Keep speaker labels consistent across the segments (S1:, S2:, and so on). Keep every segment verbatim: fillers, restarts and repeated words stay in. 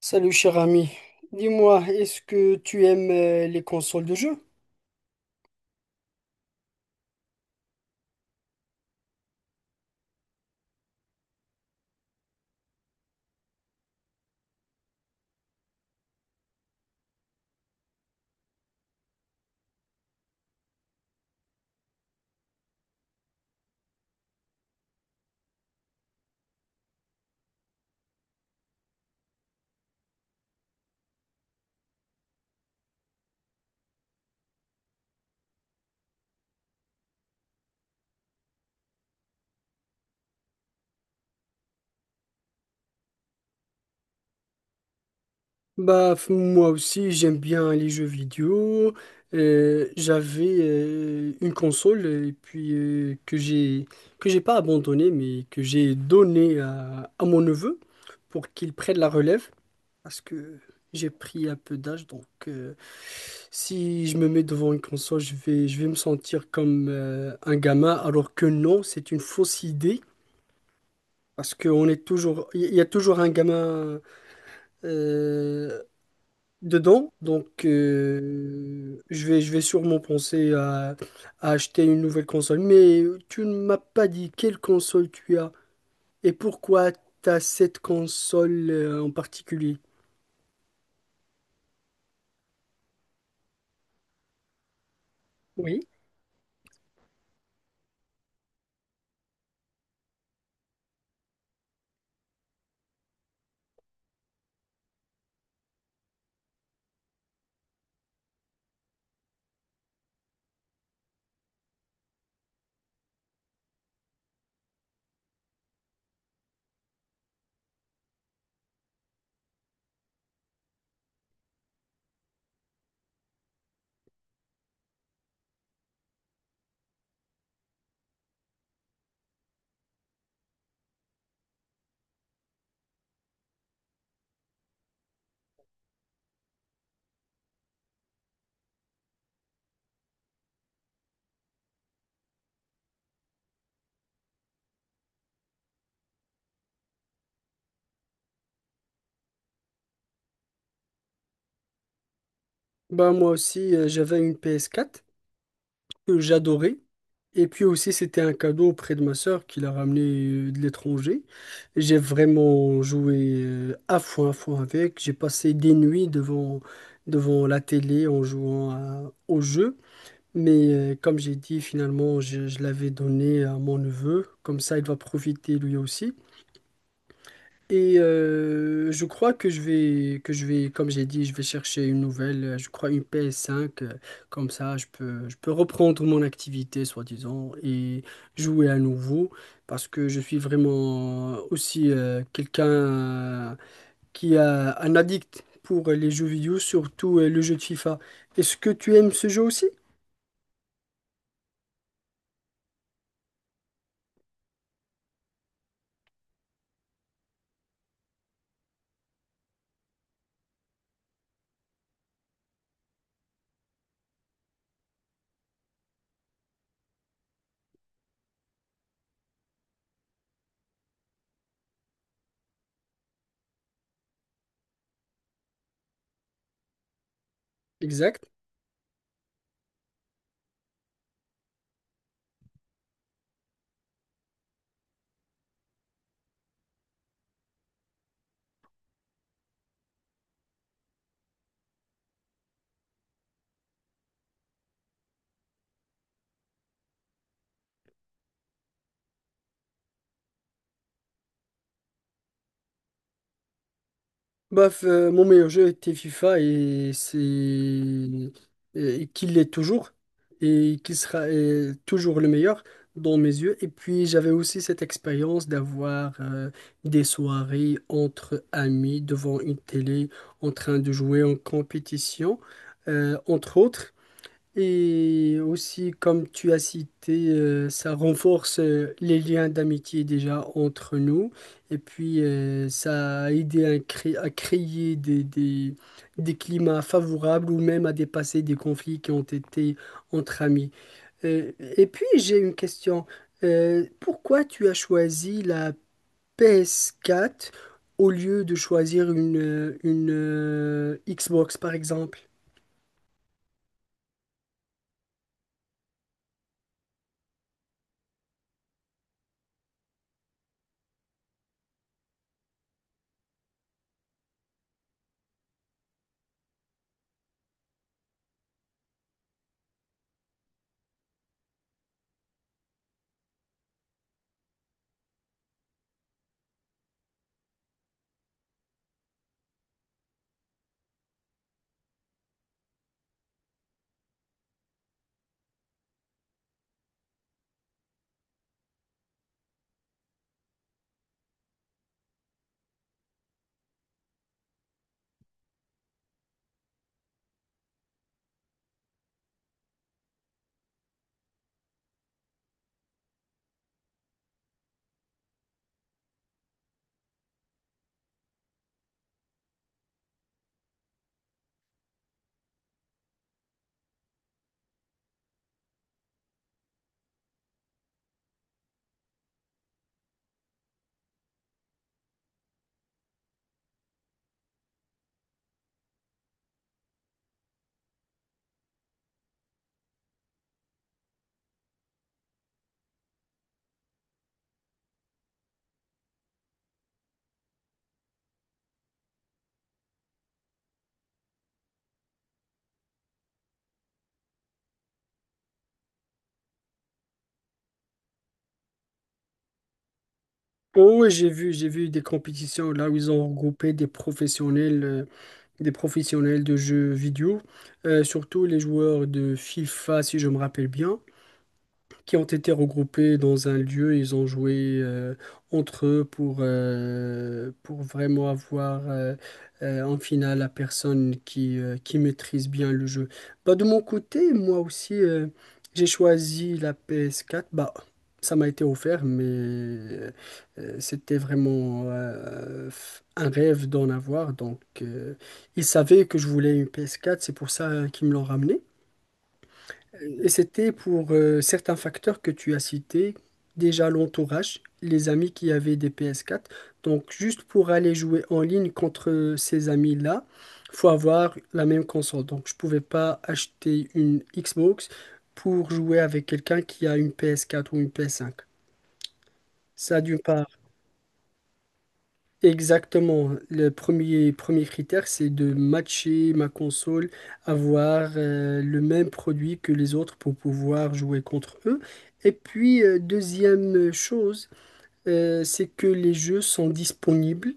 S1: Salut cher ami, dis-moi, est-ce que tu aimes euh, les consoles de jeux? Bah f- moi aussi j'aime bien les jeux vidéo. Euh, j'avais euh, une console euh, et puis euh, que j'ai que j'ai pas abandonnée mais que j'ai donnée à, à mon neveu pour qu'il prenne la relève parce que j'ai pris un peu d'âge donc euh, si je me mets devant une console je vais je vais me sentir comme euh, un gamin alors que non, c'est une fausse idée. Parce qu'on est toujours, il y a toujours un gamin euh, dedans, donc euh, je vais, je vais sûrement penser à, à acheter une nouvelle console. Mais tu ne m'as pas dit quelle console tu as et pourquoi tu as cette console euh, en particulier. Oui. Bah moi aussi, euh, j'avais une p s quatre que j'adorais. Et puis aussi, c'était un cadeau auprès de ma sœur qui l'a ramené euh, de l'étranger. J'ai vraiment joué euh, à fond, à fond avec. J'ai passé des nuits devant, devant la télé en jouant à- au jeu. Mais euh, comme j'ai dit, finalement, je, je l'avais donné à mon neveu. Comme ça, il va profiter lui aussi. Et euh, je crois que je vais, que je vais, comme j'ai dit, je vais chercher une nouvelle, euh, je crois une p s cinq, euh, comme ça je peux, je peux reprendre mon activité, soi-disant, et jouer à nouveau, parce que je suis vraiment aussi euh, quelqu'un euh, qui a un addict pour les jeux vidéo, surtout euh, le jeu de FIFA. Est-ce que tu aimes ce jeu aussi? Exact. Bref, euh, mon meilleur jeu était FIFA et c'est et qu'il l'est toujours et qu'il sera euh, toujours le meilleur dans mes yeux. Et puis j'avais aussi cette expérience d'avoir euh, des soirées entre amis devant une télé en train de jouer en compétition, euh, entre autres. Et aussi, comme tu as cité, euh, ça renforce euh, les liens d'amitié déjà entre nous. Et puis, euh, ça a aidé à, cré- à créer des, des, des climats favorables ou même à dépasser des conflits qui ont été entre amis. Euh, et puis, j'ai une question. Euh, pourquoi tu as choisi la p s quatre au lieu de choisir une, euh, une euh, Xbox, par exemple? Oh, oui, j'ai vu, j'ai vu des compétitions là où ils ont regroupé des professionnels, euh, des professionnels de jeux vidéo, euh, surtout les joueurs de FIFA, si je me rappelle bien, qui ont été regroupés dans un lieu. Ils ont joué euh, entre eux pour, euh, pour vraiment avoir euh, euh, en finale la personne qui, euh, qui maîtrise bien le jeu. Bah, de mon côté, moi aussi, euh, j'ai choisi la p s quatre. Bah, ça m'a été offert, mais euh, euh, c'était vraiment euh, un rêve d'en avoir. Donc, euh, ils savaient que je voulais une p s quatre, c'est pour ça euh, qu'ils me l'ont ramené. Et c'était pour euh, certains facteurs que tu as cités, déjà l'entourage, les amis qui avaient des p s quatre. Donc juste pour aller jouer en ligne contre ces amis-là, faut avoir la même console. Donc je pouvais pas acheter une Xbox pour jouer avec quelqu'un qui a une p s quatre ou une p s cinq. Ça d'une part. Exactement. Le premier, premier critère, c'est de matcher ma console, avoir euh, le même produit que les autres pour pouvoir jouer contre eux. Et puis, euh, deuxième chose, euh, c'est que les jeux sont disponibles.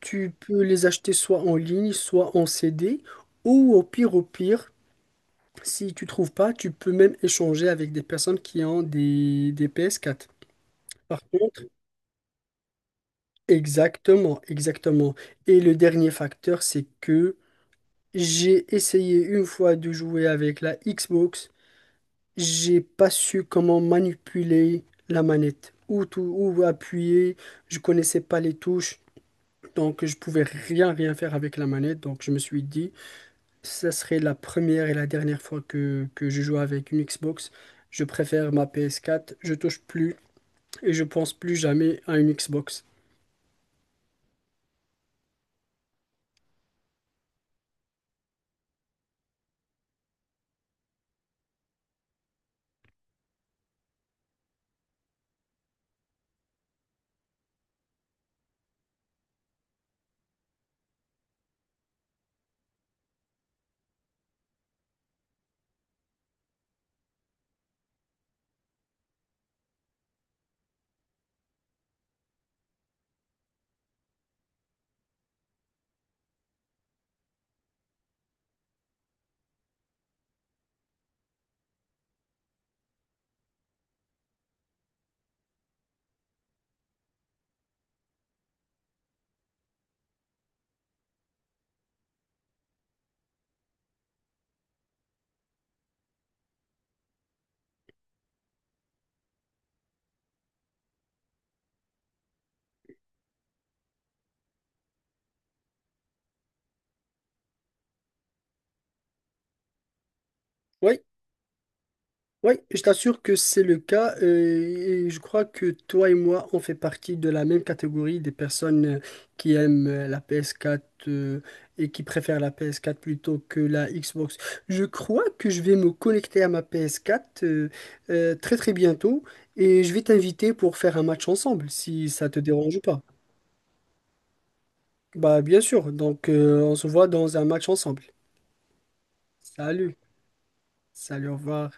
S1: Tu peux les acheter soit en ligne, soit en C D ou au pire, au pire, si tu trouves pas, tu peux même échanger avec des personnes qui ont des, des p s quatre. Par contre, exactement, exactement. Et le dernier facteur, c'est que j'ai essayé une fois de jouer avec la Xbox, j'ai pas su comment manipuler la manette, où tout, où appuyer, je connaissais pas les touches, donc je pouvais rien rien faire avec la manette, donc je me suis dit, ça serait la première et la dernière fois que, que je joue avec une Xbox. Je préfère ma p s quatre, je touche plus et je pense plus jamais à une Xbox. Oui, oui, je t'assure que c'est le cas, euh, et je crois que toi et moi, on fait partie de la même catégorie des personnes euh, qui aiment euh, la ps quatre euh, et qui préfèrent la ps quatre plutôt que la Xbox. Je crois que je vais me connecter à ma ps quatre euh, euh, très très bientôt et je vais t'inviter pour faire un match ensemble si ça te dérange pas. Bah bien sûr, donc euh, on se voit dans un match ensemble. Salut, salut, au revoir.